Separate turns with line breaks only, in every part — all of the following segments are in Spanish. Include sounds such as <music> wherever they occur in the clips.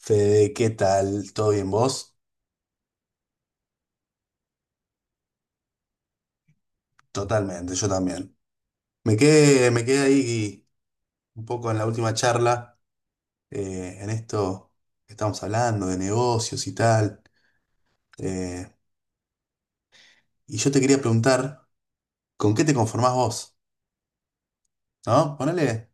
Fede, ¿qué tal? ¿Todo bien vos? Totalmente, yo también. Me quedé ahí un poco en la última charla, en esto que estamos hablando de negocios y tal. eh, y yo te quería preguntar, ¿con qué te conformás vos? ¿No? Ponele,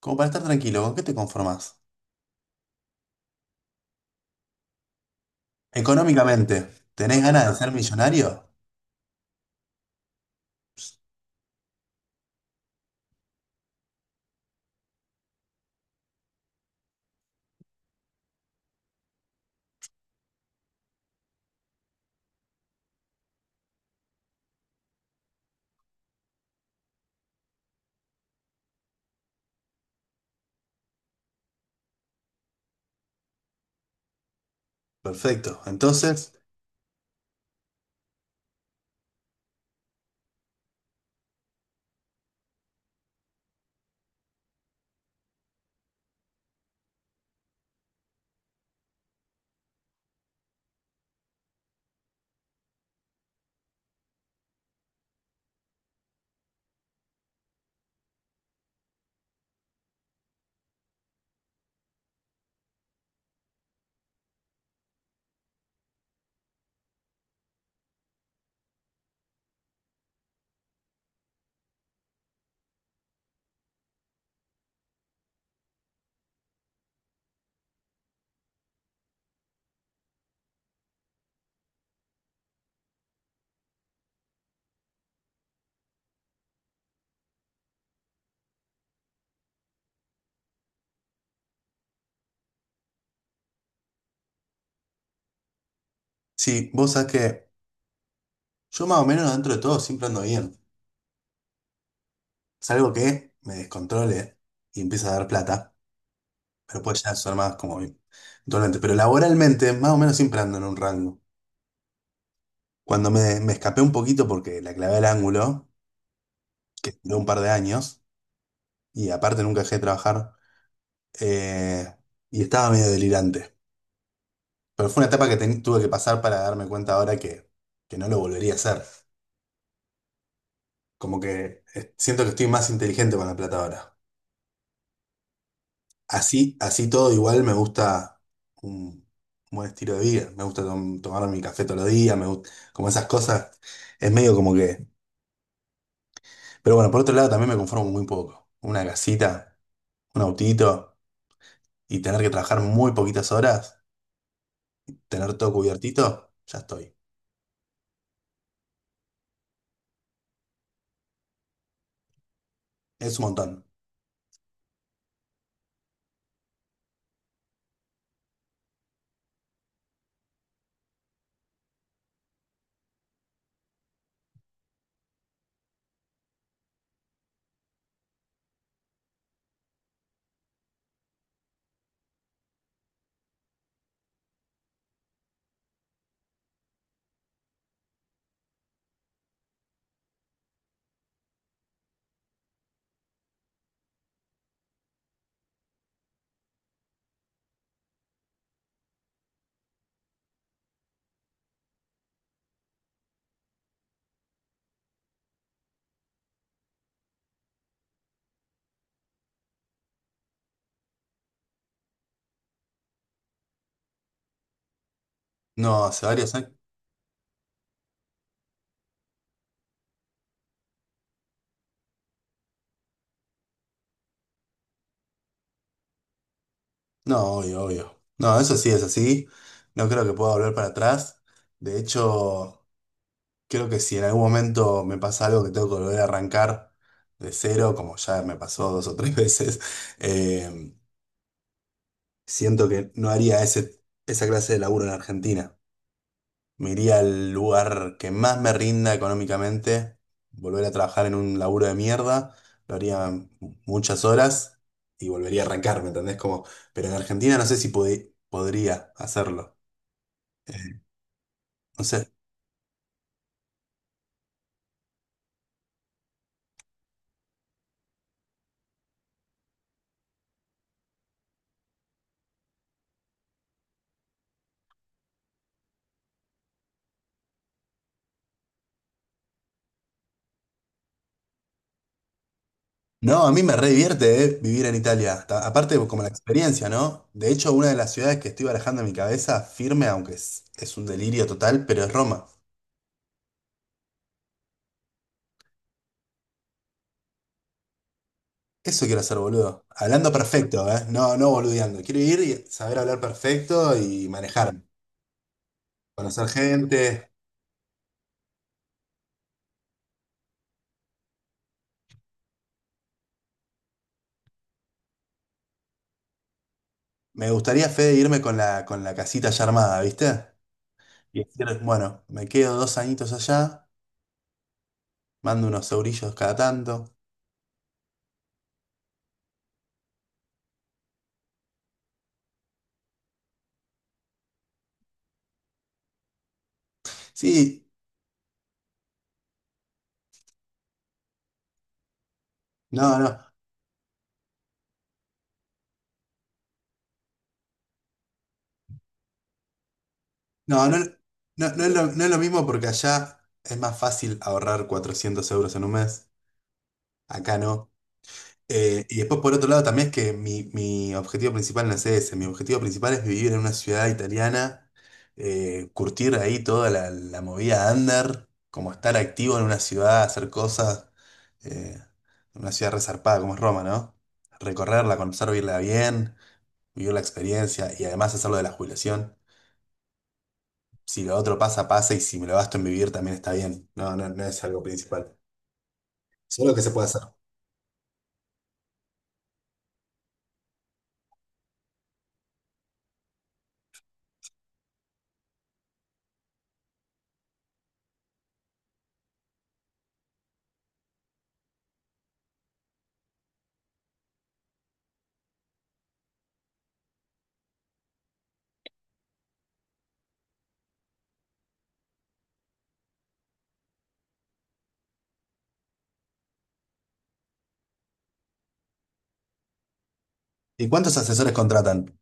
como para estar tranquilo, ¿con qué te conformás? Económicamente, ¿tenés ganas de ser millonario? Perfecto. Entonces, si vos sabés que yo más o menos dentro de todo siempre ando bien. Salvo que me descontrole y empiece a dar plata. Pero pues ya son más como donante. Pero laboralmente, más o menos siempre ando en un rango. Cuando me escapé un poquito porque la clavé al ángulo, que duró un par de años, y aparte nunca dejé de trabajar, eh, y estaba medio delirante. Pero fue una etapa que tuve que pasar para darme cuenta ahora que no lo volvería a hacer. Como que siento que estoy más inteligente con la plata ahora. Así, así todo igual me gusta un buen estilo de vida. Me gusta tomar mi café todos los días, me gusta, como esas cosas. Es medio como que. Pero bueno, por otro lado también me conformo muy poco. Una casita, un autito y tener que trabajar muy poquitas horas, tener todo cubiertito, ya estoy. Es un montón. No, hace varios años. No, obvio, obvio. No, eso sí es así. No creo que pueda volver para atrás. De hecho. Creo que si en algún momento me pasa algo que tengo que volver a arrancar de cero, como ya me pasó dos o tres <laughs> veces, eh, siento que no haría esa clase de laburo en Argentina. Me iría al lugar que más me rinda económicamente, volver a trabajar en un laburo de mierda, lo haría muchas horas y volvería a arrancar, ¿me entendés? Como, pero en Argentina no sé si podría hacerlo. Eh, No sé. No, a mí me re divierte, vivir en Italia. Aparte, como la experiencia, ¿no? De hecho, una de las ciudades que estoy barajando en mi cabeza, firme, aunque es un delirio total, pero es Roma. Eso quiero hacer, boludo. Hablando perfecto, ¿eh? No, no boludeando. Quiero ir y saber hablar perfecto y manejar. Conocer gente. Me gustaría, Fede, irme con con la casita ya armada, ¿viste? Y decir, bueno, me quedo dos añitos allá, mando unos eurillos cada tanto. Sí, no, no. No, no, no es lo mismo porque allá es más fácil ahorrar 400 euros en un mes, acá no. Y después por otro lado también es que mi objetivo principal no es ese, mi objetivo principal es vivir en una ciudad italiana, curtir ahí toda la movida under, como estar activo en una ciudad, hacer cosas, eh, una ciudad resarpada como es Roma, ¿no? Recorrerla, conocer, vivirla bien, vivir la experiencia y además hacerlo de la jubilación. Si lo otro pasa, pasa, y si me lo gasto en vivir también está bien. No, no, no es algo principal. Solo que se puede hacer. ¿Y cuántos asesores contratan?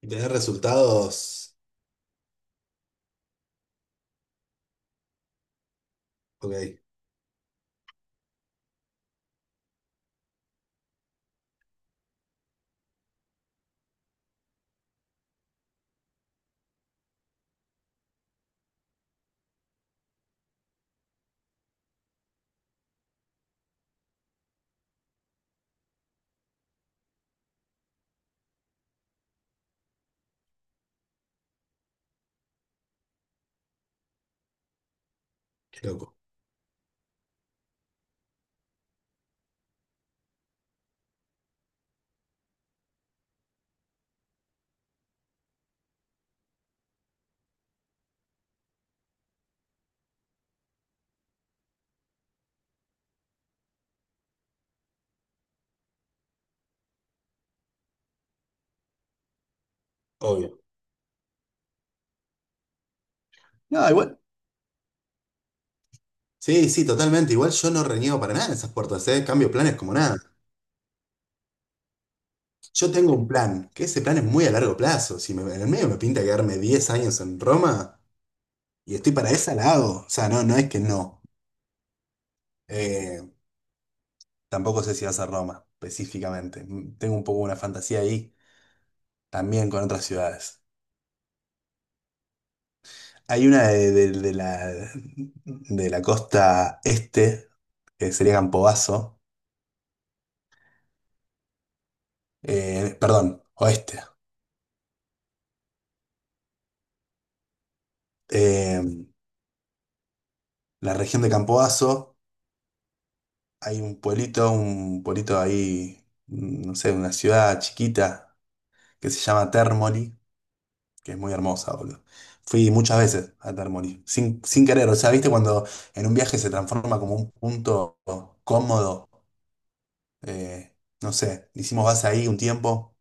Y tener resultados. Ok, qué loco. Obvio. No, igual. Sí, sí, totalmente. Igual yo no reniego para nada en esas puertas, ¿eh? Cambio planes como nada. Yo tengo un plan, que ese plan es muy a largo plazo. Si en el medio me pinta quedarme 10 años en Roma y estoy para esa, la hago. O sea, no, no es que no. Eh, Tampoco sé si vas a Roma específicamente. Mm, tengo un poco una fantasía ahí. También con otras ciudades. Hay una de la costa este, que sería Campobasso, perdón, oeste. Eh, la región de Campobasso, hay un pueblito ahí, mm, no sé, una ciudad chiquita que se llama Termoli, que es muy hermosa, boludo. Fui muchas veces a Termoli, sin querer, o sea, viste cuando en un viaje se transforma como un punto cómodo, eh, no sé, hicimos base ahí un tiempo.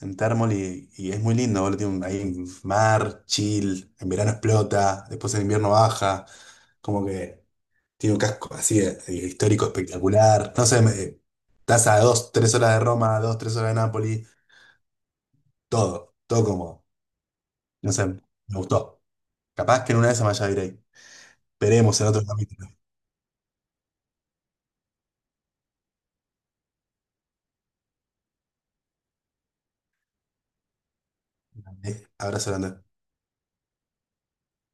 En Thermoli y es muy lindo, boludo. Tiene ahí un mar, chill, en verano explota, después en invierno baja, como que tiene un casco así histórico espectacular. No sé, estás a dos, tres horas de Roma, dos, tres horas de Nápoli, todo, todo como, no sé, me gustó. Capaz que en una de esas me vaya a ir ahí. Veremos en otro capítulo. Abrazo grande.